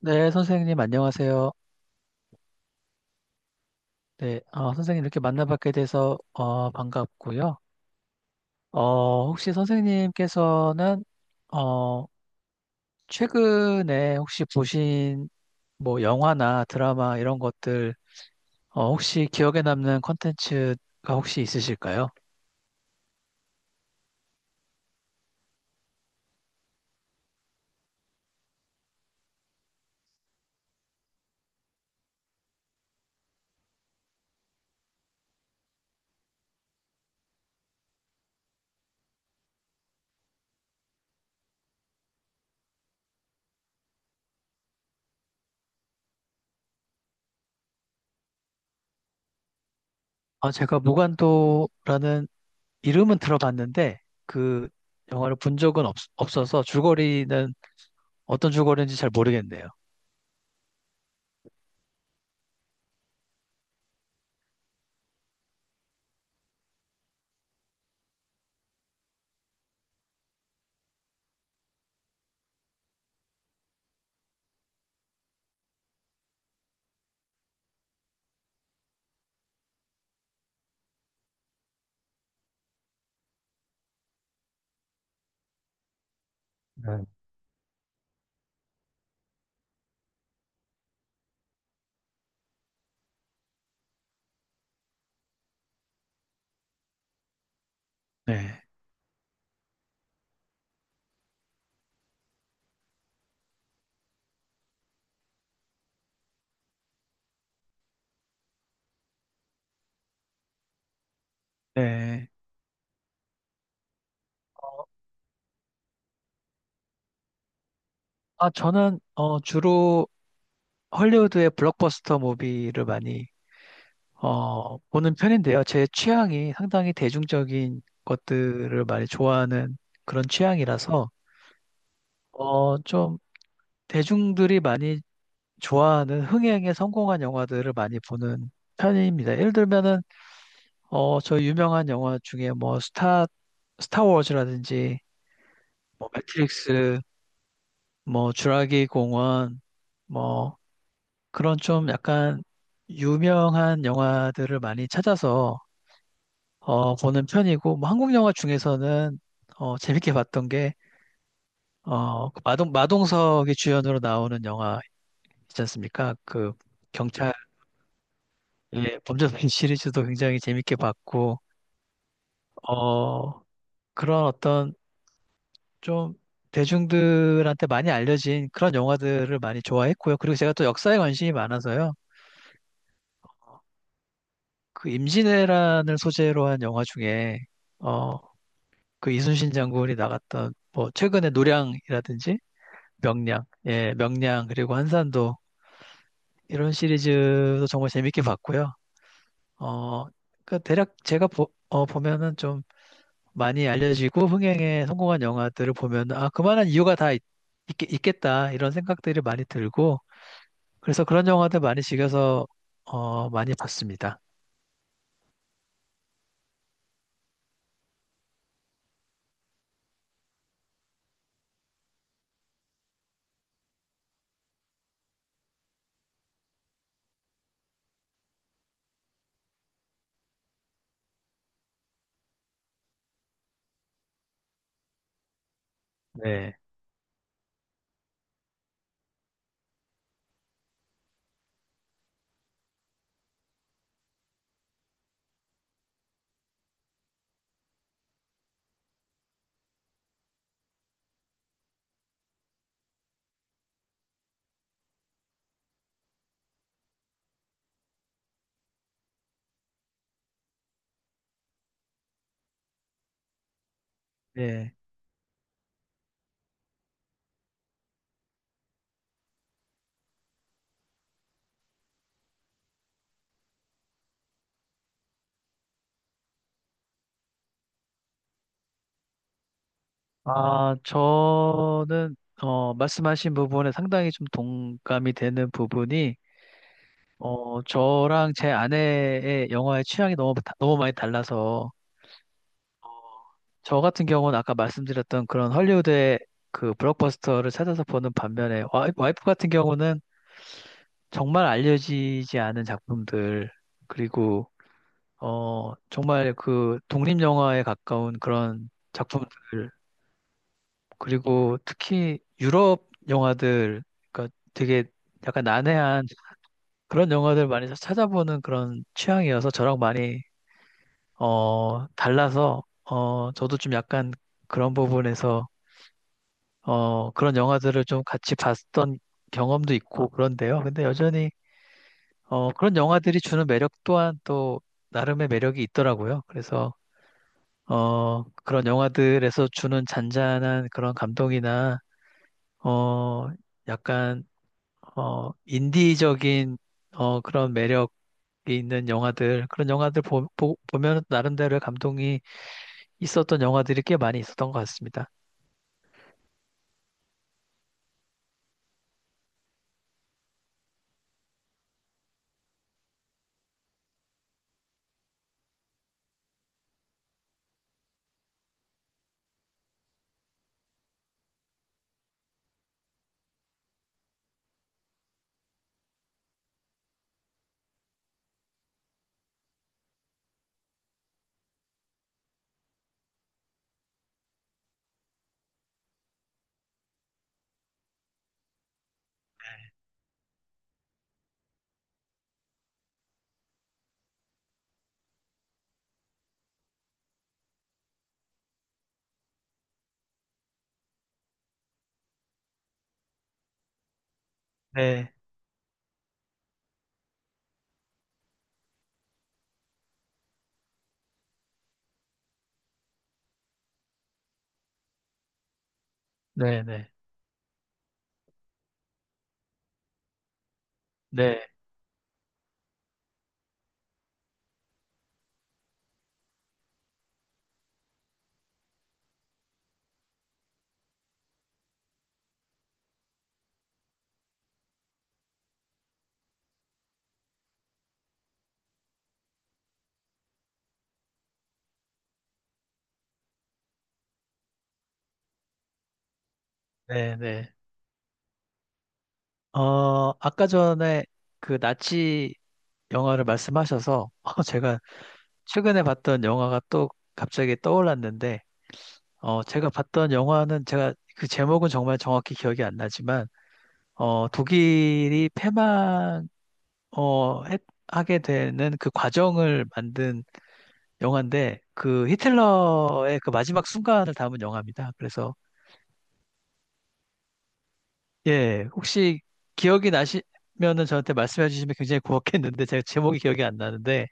네, 선생님 안녕하세요. 네, 선생님 이렇게 만나뵙게 돼서 반갑고요. 혹시 선생님께서는 어, 최근에 혹시 보신 뭐 영화나 드라마 이런 것들, 혹시 기억에 남는 콘텐츠가 혹시 있으실까요? 아, 제가 무간도라는 이름은 들어봤는데 그 영화를 없어서 줄거리는 어떤 줄거리인지 잘 모르겠네요. 네. 네, 네. 아, 저는 주로 헐리우드의 블록버스터 무비를 많이 보는 편인데요. 제 취향이 상당히 대중적인 것들을 많이 좋아하는 그런 취향이라서 좀 대중들이 많이 좋아하는 흥행에 성공한 영화들을 많이 보는 편입니다. 예를 들면은 저 유명한 영화 중에 뭐 스타워즈라든지 뭐 매트릭스, 뭐 주라기 공원, 뭐 그런 좀 약간 유명한 영화들을 많이 찾아서 보는 편이고, 뭐 한국 영화 중에서는 재밌게 봤던 게 그 마동석이 주연으로 나오는 영화 있지 않습니까? 그 경찰의 범죄도시 시리즈도 굉장히 재밌게 봤고, 어, 그런 어떤 좀 대중들한테 많이 알려진 그런 영화들을 많이 좋아했고요. 그리고 제가 또 역사에 관심이 많아서요. 그 임진왜란을 소재로 한 영화 중에 어, 그 이순신 장군이 나갔던 뭐 최근에 노량이라든지 명량, 예, 명량 그리고 한산도, 이런 시리즈도 정말 재밌게 봤고요. 어, 그 대략 보면은 좀 많이 알려지고 흥행에 성공한 영화들을 보면 아 그만한 겠다 이런 생각들이 많이 들고, 그래서 그런 영화들 많이 즐겨서 많이 봤습니다. 네, 네. 아, 저는 말씀하신 부분에 상당히 좀 동감이 되는 부분이, 저랑 제 아내의 영화의 취향이 너무, 너무 많이 달라서, 어, 저 같은 경우는 아까 말씀드렸던 그런 헐리우드의 그 블록버스터를 찾아서 보는 반면에, 와이프 같은 경우는 정말 알려지지 않은 작품들, 그리고, 정말 그 독립영화에 가까운 그런 작품들, 그리고 특히 유럽 영화들, 그러니까 되게 약간 난해한 그런 영화들 많이 찾아보는 그런 취향이어서 저랑 많이 달라서, 저도 좀 약간 그런 부분에서, 그런 영화들을 좀 같이 봤던 경험도 있고 그런데요. 근데 여전히, 그런 영화들이 주는 매력 또한 또 나름의 매력이 있더라고요. 그래서, 그런 영화들에서 주는 잔잔한 그런 감동이나, 어, 약간, 인디적인, 그런 매력이 있는 영화들, 그런 보면 나름대로의 감동이 있었던 영화들이 꽤 많이 있었던 것 같습니다. 네, 네, 네, 네, 네, 네. 아까 전에 그 나치 영화를 말씀하셔서 제가 최근에 봤던 영화가 또 갑자기 떠올랐는데, 제가 봤던 영화는 제가 그 제목은 정말 정확히 기억이 안 나지만, 독일이 패망 어, 했- 하게 되는 그 과정을 만든 영화인데, 그 히틀러의 그 마지막 순간을 담은 영화입니다. 그래서 예, 혹시 기억이 나시면은 저한테 말씀해 주시면 굉장히 고맙겠는데, 제가 제목이 기억이 안 나는데.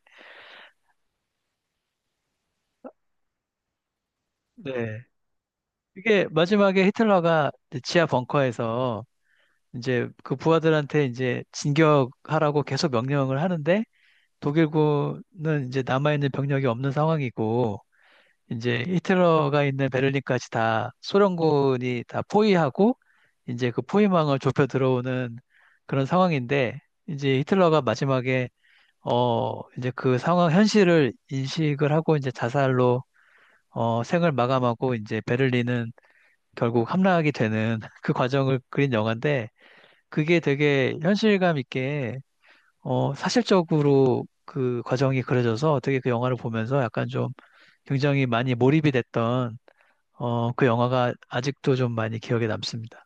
네. 이게 마지막에 히틀러가 이제 지하 벙커에서 이제 그 부하들한테 이제 진격하라고 계속 명령을 하는데, 독일군은 이제 남아있는 병력이 없는 상황이고 이제 히틀러가 있는 베를린까지 다 소련군이 다 포위하고 이제 그 포위망을 좁혀 들어오는 그런 상황인데, 이제 히틀러가 마지막에 이제 그 상황, 현실을 인식을 하고 이제 자살로, 생을 마감하고, 이제 베를린은 결국 함락이 되는 그 과정을 그린 영화인데, 그게 되게 현실감 있게, 사실적으로 그 과정이 그려져서 되게 그 영화를 보면서 약간 좀 굉장히 많이 몰입이 됐던, 그 영화가 아직도 좀 많이 기억에 남습니다.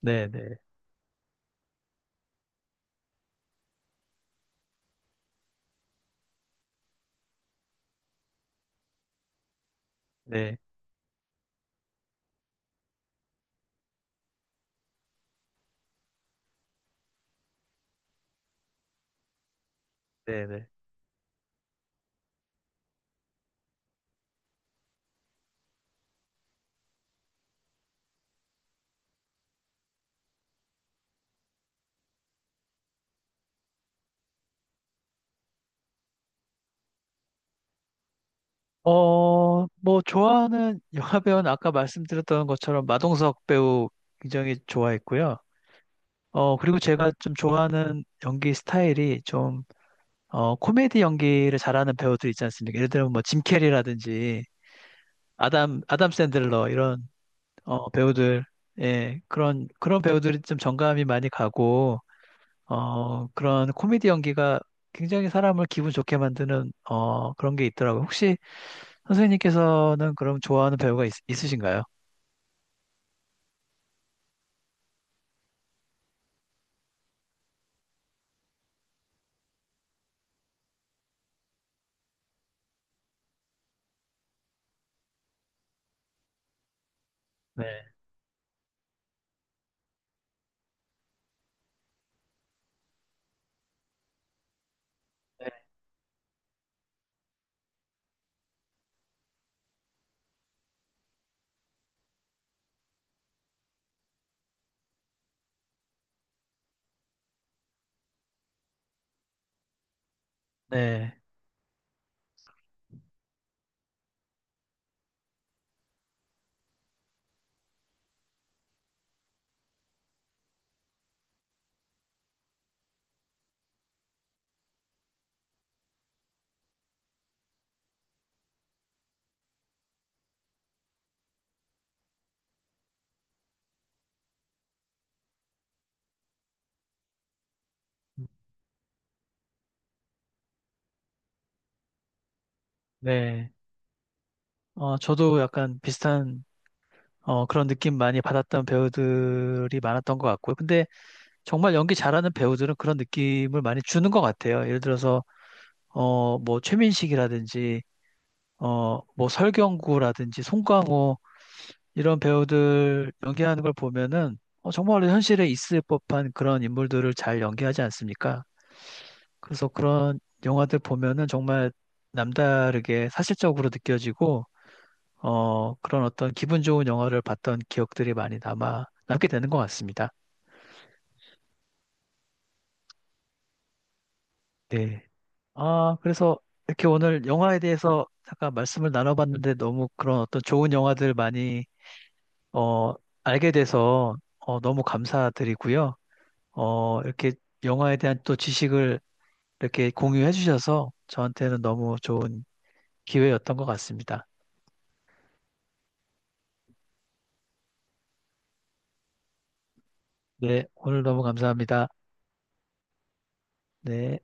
네, 네, 네, 네, 네. 어, 뭐, 좋아하는 영화 배우는 아까 말씀드렸던 것처럼 마동석 배우 굉장히 좋아했고요. 그리고 제가 좀 좋아하는 연기 스타일이 좀, 코미디 연기를 잘하는 배우들 있지 않습니까? 예를 들면 뭐, 짐 캐리라든지, 아담 샌들러, 이런, 배우들, 예, 그런 배우들이 좀 정감이 많이 가고, 그런 코미디 연기가 굉장히 사람을 기분 좋게 만드는, 그런 게 있더라고요. 혹시 선생님께서는 그럼 좋아하는 으신가요? 네, 네, 네. 네. 저도 약간 비슷한 그런 느낌 많이 받았던 배우들이 많았던 것 같고요. 근데 정말 연기 잘하는 배우들은 그런 느낌을 많이 주는 것 같아요. 예를 들어서 뭐 최민식이라든지 뭐 설경구라든지 송강호, 이런 배우들 연기하는 걸 보면은 정말 현실에 있을 법한 그런 인물들을 잘 연기하지 않습니까? 그래서 그런 영화들 보면은 정말 남다르게 사실적으로 느껴지고, 그런 어떤 기분 좋은 영화를 봤던 남게 되는 것 같습니다. 네. 아, 그래서 이렇게 오늘 영화에 대해서 잠깐 말씀을 나눠봤는데 너무 그런 어떤 좋은 영화들 많이, 어, 알게 돼서, 너무 감사드리고요. 이렇게 영화에 대한 또 지식을 이렇게 공유해 주셔서 저한테는 너무 좋은 기회였던 것 같습니다. 네, 오늘 너무 감사합니다. 네.